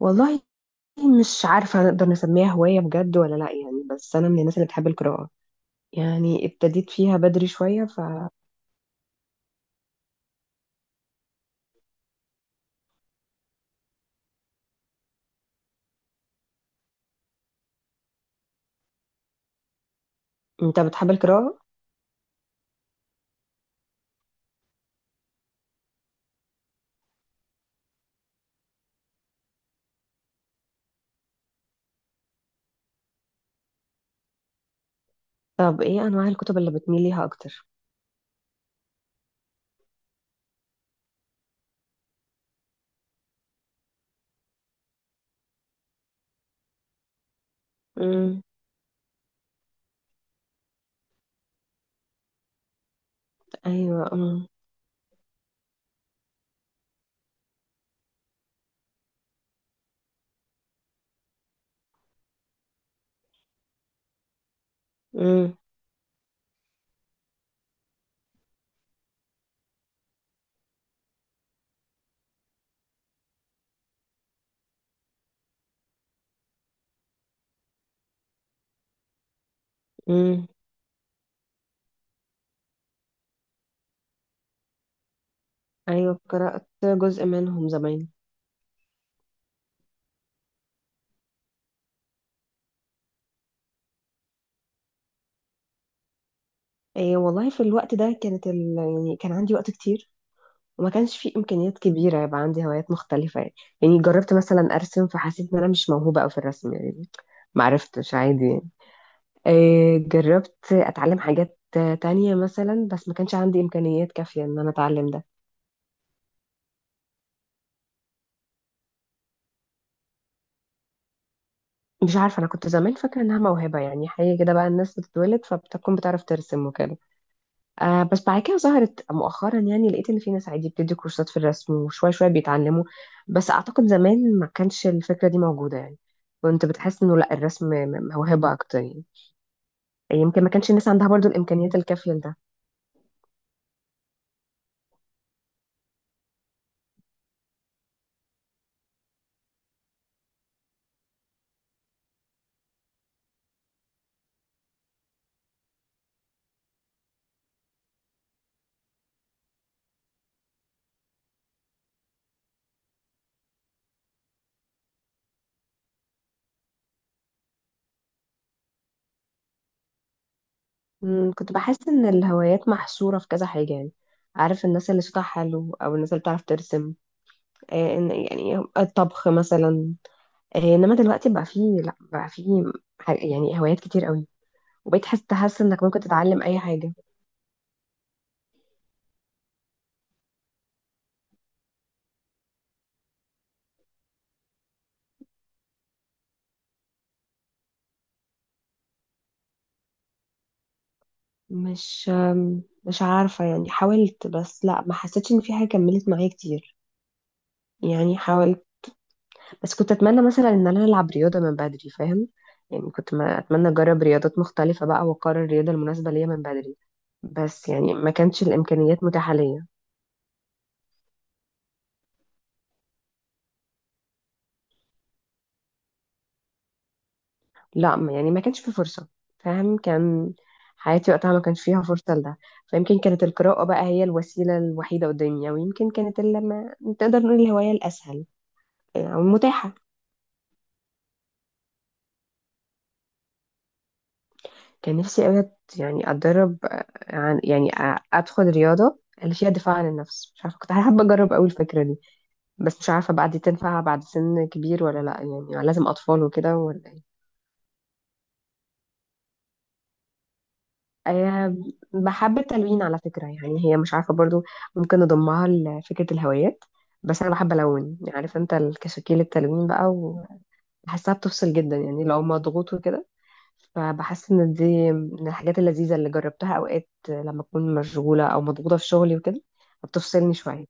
والله مش عارفة نقدر نسميها هواية بجد ولا لأ، يعني بس أنا من الناس اللي بتحب القراءة. يعني ابتديت فيها بدري شوية. فأنت بتحب القراءة؟ طب إيه أنواع الكتب اللي بتميل ليها أكتر؟ امم. أيوة امم. امم. امم. أيوة، قرأت جزء منهم زمان. إيه والله، في الوقت ده كانت ال... يعني كان عندي وقت كتير، وما كانش فيه إمكانيات كبيرة يبقى عندي هوايات مختلفة يعني. يعني جربت مثلا أرسم، فحسيت إن أنا مش موهوبة أوي في الرسم يعني. معرفتش عادي. جربت اتعلم حاجات تانية مثلا، بس ما كانش عندي امكانيات كافية ان انا اتعلم ده. مش عارفة، انا كنت زمان فاكرة انها موهبة، يعني حاجة كده بقى الناس بتتولد فبتكون بتعرف ترسم وكده. آه بس بعد كده ظهرت مؤخرا، يعني لقيت ان في ناس عادي بتدي كورسات في الرسم وشوية شوية بيتعلموا. بس اعتقد زمان ما كانش الفكرة دي موجودة يعني. كنت بتحس انه لا، الرسم موهبة اكتر يعني. يمكن ما كانش الناس عندها برضو الامكانيات الكافية لده. مم، كنت بحس ان الهوايات محصورة في كذا حاجة يعني. عارف، الناس اللي صوتها حلو او الناس اللي بتعرف ترسم، يعني الطبخ مثلا. انما دلوقتي بقى فيه، لا بقى فيه يعني هوايات كتير قوي. وبقيت حاسة تحس انك ممكن تتعلم اي حاجة. مش مش عارفة، يعني حاولت بس لا، ما حسيتش ان في حاجة كملت معايا كتير. يعني حاول، بس كنت اتمنى مثلا ان انا العب رياضه من بدري، فاهم؟ يعني كنت ما اتمنى اجرب رياضات مختلفه بقى واقرر الرياضه المناسبه ليا من بدري. بس يعني ما كانش الامكانيات متاحه ليا. لا يعني ما كانش في فرصه، فاهم؟ كان حياتي وقتها ما كانش فيها فرصه لده. فيمكن كانت القراءه بقى هي الوسيله الوحيده قدامي، او يمكن كانت اللي ما تقدر نقول الهوايه الاسهل او المتاحه. كان نفسي قوي يعني اتدرب، آه، عن يعني آه، ادخل رياضه اللي فيها دفاع عن النفس. مش عارفه، كنت حابه اجرب قوي الفكره دي. بس مش عارفة بقى دي تنفع بعد سن كبير ولا لأ. يعني لازم أطفال وكده ولا ايه؟ أه. بحب التلوين على فكرة. يعني هي مش عارفة برضو، ممكن نضمها لفكرة الهوايات. بس أنا بحب ألون، عارف أنت الكشاكيل التلوين بقى. وبحسها بتفصل جدا يعني لو مضغوط وكده. فبحس إن دي من الحاجات اللذيذة اللي جربتها أوقات لما أكون مشغولة أو مضغوطة في شغلي وكده. فبتفصلني شوية.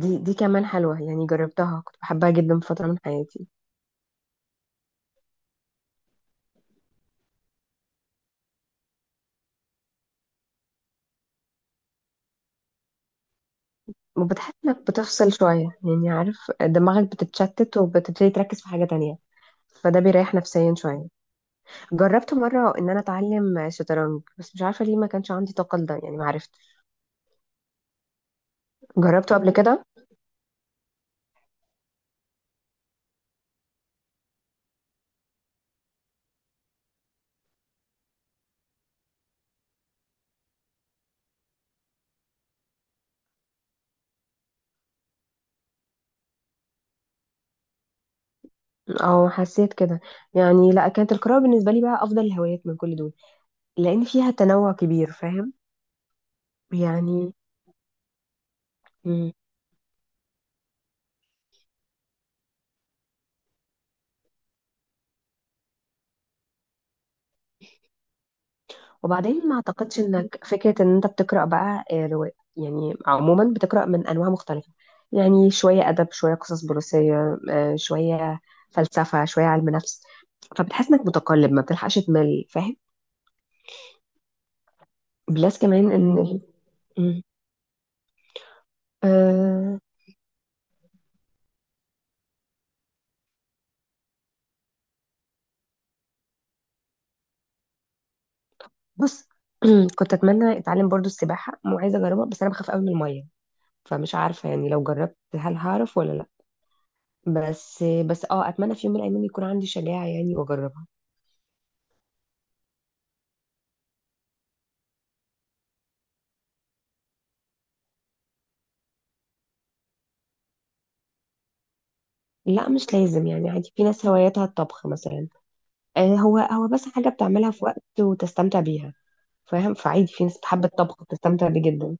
دي كمان حلوة يعني، جربتها كنت بحبها جدا في فترة من حياتي. وبتحس انك بتفصل شوية يعني، عارف دماغك بتتشتت وبتبتدي تركز في حاجة تانية. فده بيريح نفسيا شوية. جربت مرة ان انا اتعلم شطرنج، بس مش عارفة ليه ما كانش عندي طاقة لده، يعني ما عرفتش. جربته قبل كده او حسيت كده يعني. لا، كانت القراءة بالنسبة لي بقى افضل الهوايات من كل دول، لان فيها تنوع كبير، فاهم يعني. وبعدين ما اعتقدش انك فكرة ان انت بتقرأ بقى رواية يعني، عموما بتقرأ من انواع مختلفة. يعني شوية ادب، شوية قصص بوليسية، شوية فلسفة، شوية علم نفس. فبتحس انك متقلب، ما بتلحقش تمل فاهم. بلس كمان ان ال- مم. أه. بص. كنت اتمنى اتعلم برضو السباحة وعايزة اجربها، بس انا بخاف قوي من المية. فمش عارفة يعني لو جربت هل هعرف ولا لا. بس اه اتمنى في يوم من الايام يكون عندي شجاعة يعني، واجرب. لا، مش لازم يعني، عادي في ناس هواياتها الطبخ مثلا. هو بس حاجة بتعملها في وقت وتستمتع بيها. فاهم؟ فعادي في ناس بتحب الطبخ وتستمتع بيه جدا.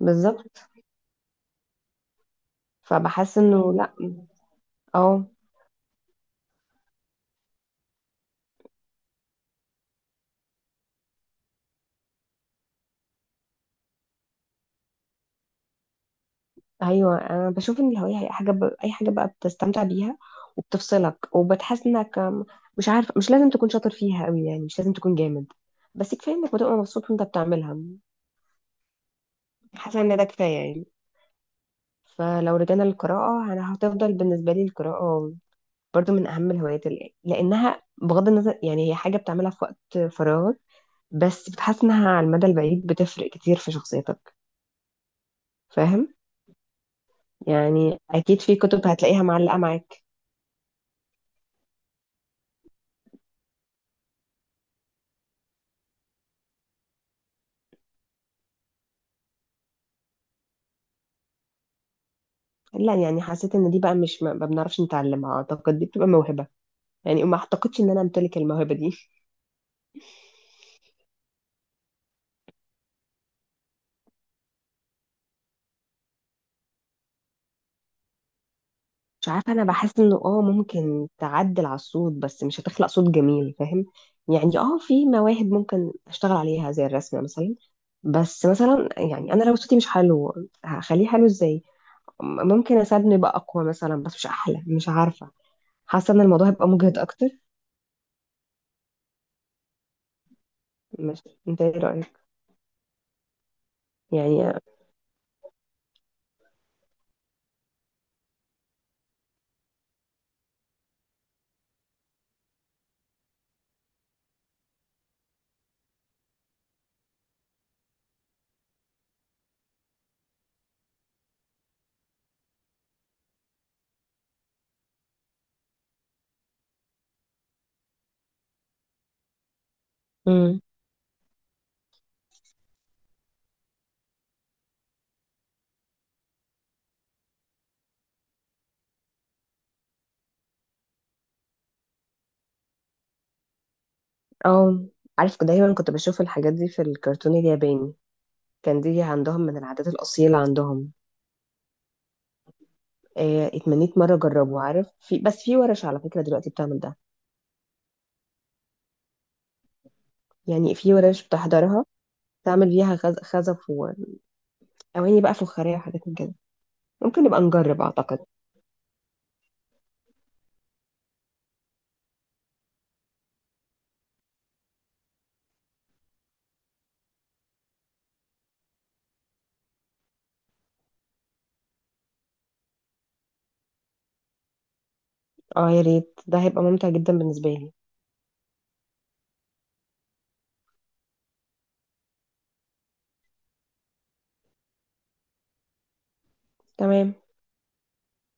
بالظبط. فبحس انه لا. اه. ايوه، انا بشوف ان الهواية هي حاجة اي حاجة بقى بتستمتع بيها، وبتفصلك وبتحس انك مش عارف. مش لازم تكون شاطر فيها قوي يعني، مش لازم تكون جامد. بس كفاية انك بتبقى مبسوط وانت بتعملها. حاسة ان ده كفاية يعني. فلو رجعنا للقراءة، أنا هتفضل بالنسبة لي القراءة برضو من أهم الهوايات، اللي لأنها بغض النظر يعني هي حاجة بتعملها في وقت فراغك، بس بتحس إنها على المدى البعيد بتفرق كتير في شخصيتك، فاهم يعني. أكيد في كتب هتلاقيها معلقة معاك. لا، يعني حسيت إن دي بقى مش ما بنعرفش نتعلمها، أعتقد دي بتبقى موهبة. يعني ما أعتقدش إن أنا أمتلك الموهبة دي. مش عارفة، أنا بحس إنه آه ممكن تعدل على الصوت، بس مش هتخلق صوت جميل، فاهم يعني. آه، في مواهب ممكن أشتغل عليها زي الرسم مثلا. بس مثلا يعني أنا لو صوتي مش حلو، هخليه حلو إزاي؟ ممكن أساعدني يبقى أقوى مثلا، بس مش أحلى، مش عارفة. حاسة إن الموضوع هيبقى مجهد أكتر. مش أنت إيه رأيك يعني؟ امم. آه، عارف دايما كنت بشوف الحاجات دي في الكرتون الياباني. كان دي عندهم من العادات الأصيلة عندهم. اتمنيت مرة أجربه. عارف في، بس في ورش على فكرة دلوقتي بتعمل ده. يعني في ورش بتحضرها، تعمل فيها خزف وأواني بقى فخارية وحاجات من كده. ممكن نبقى نجرب أعتقد. اه يا ريت، ده هيبقى ممتع جدا بالنسبة لي. تمام.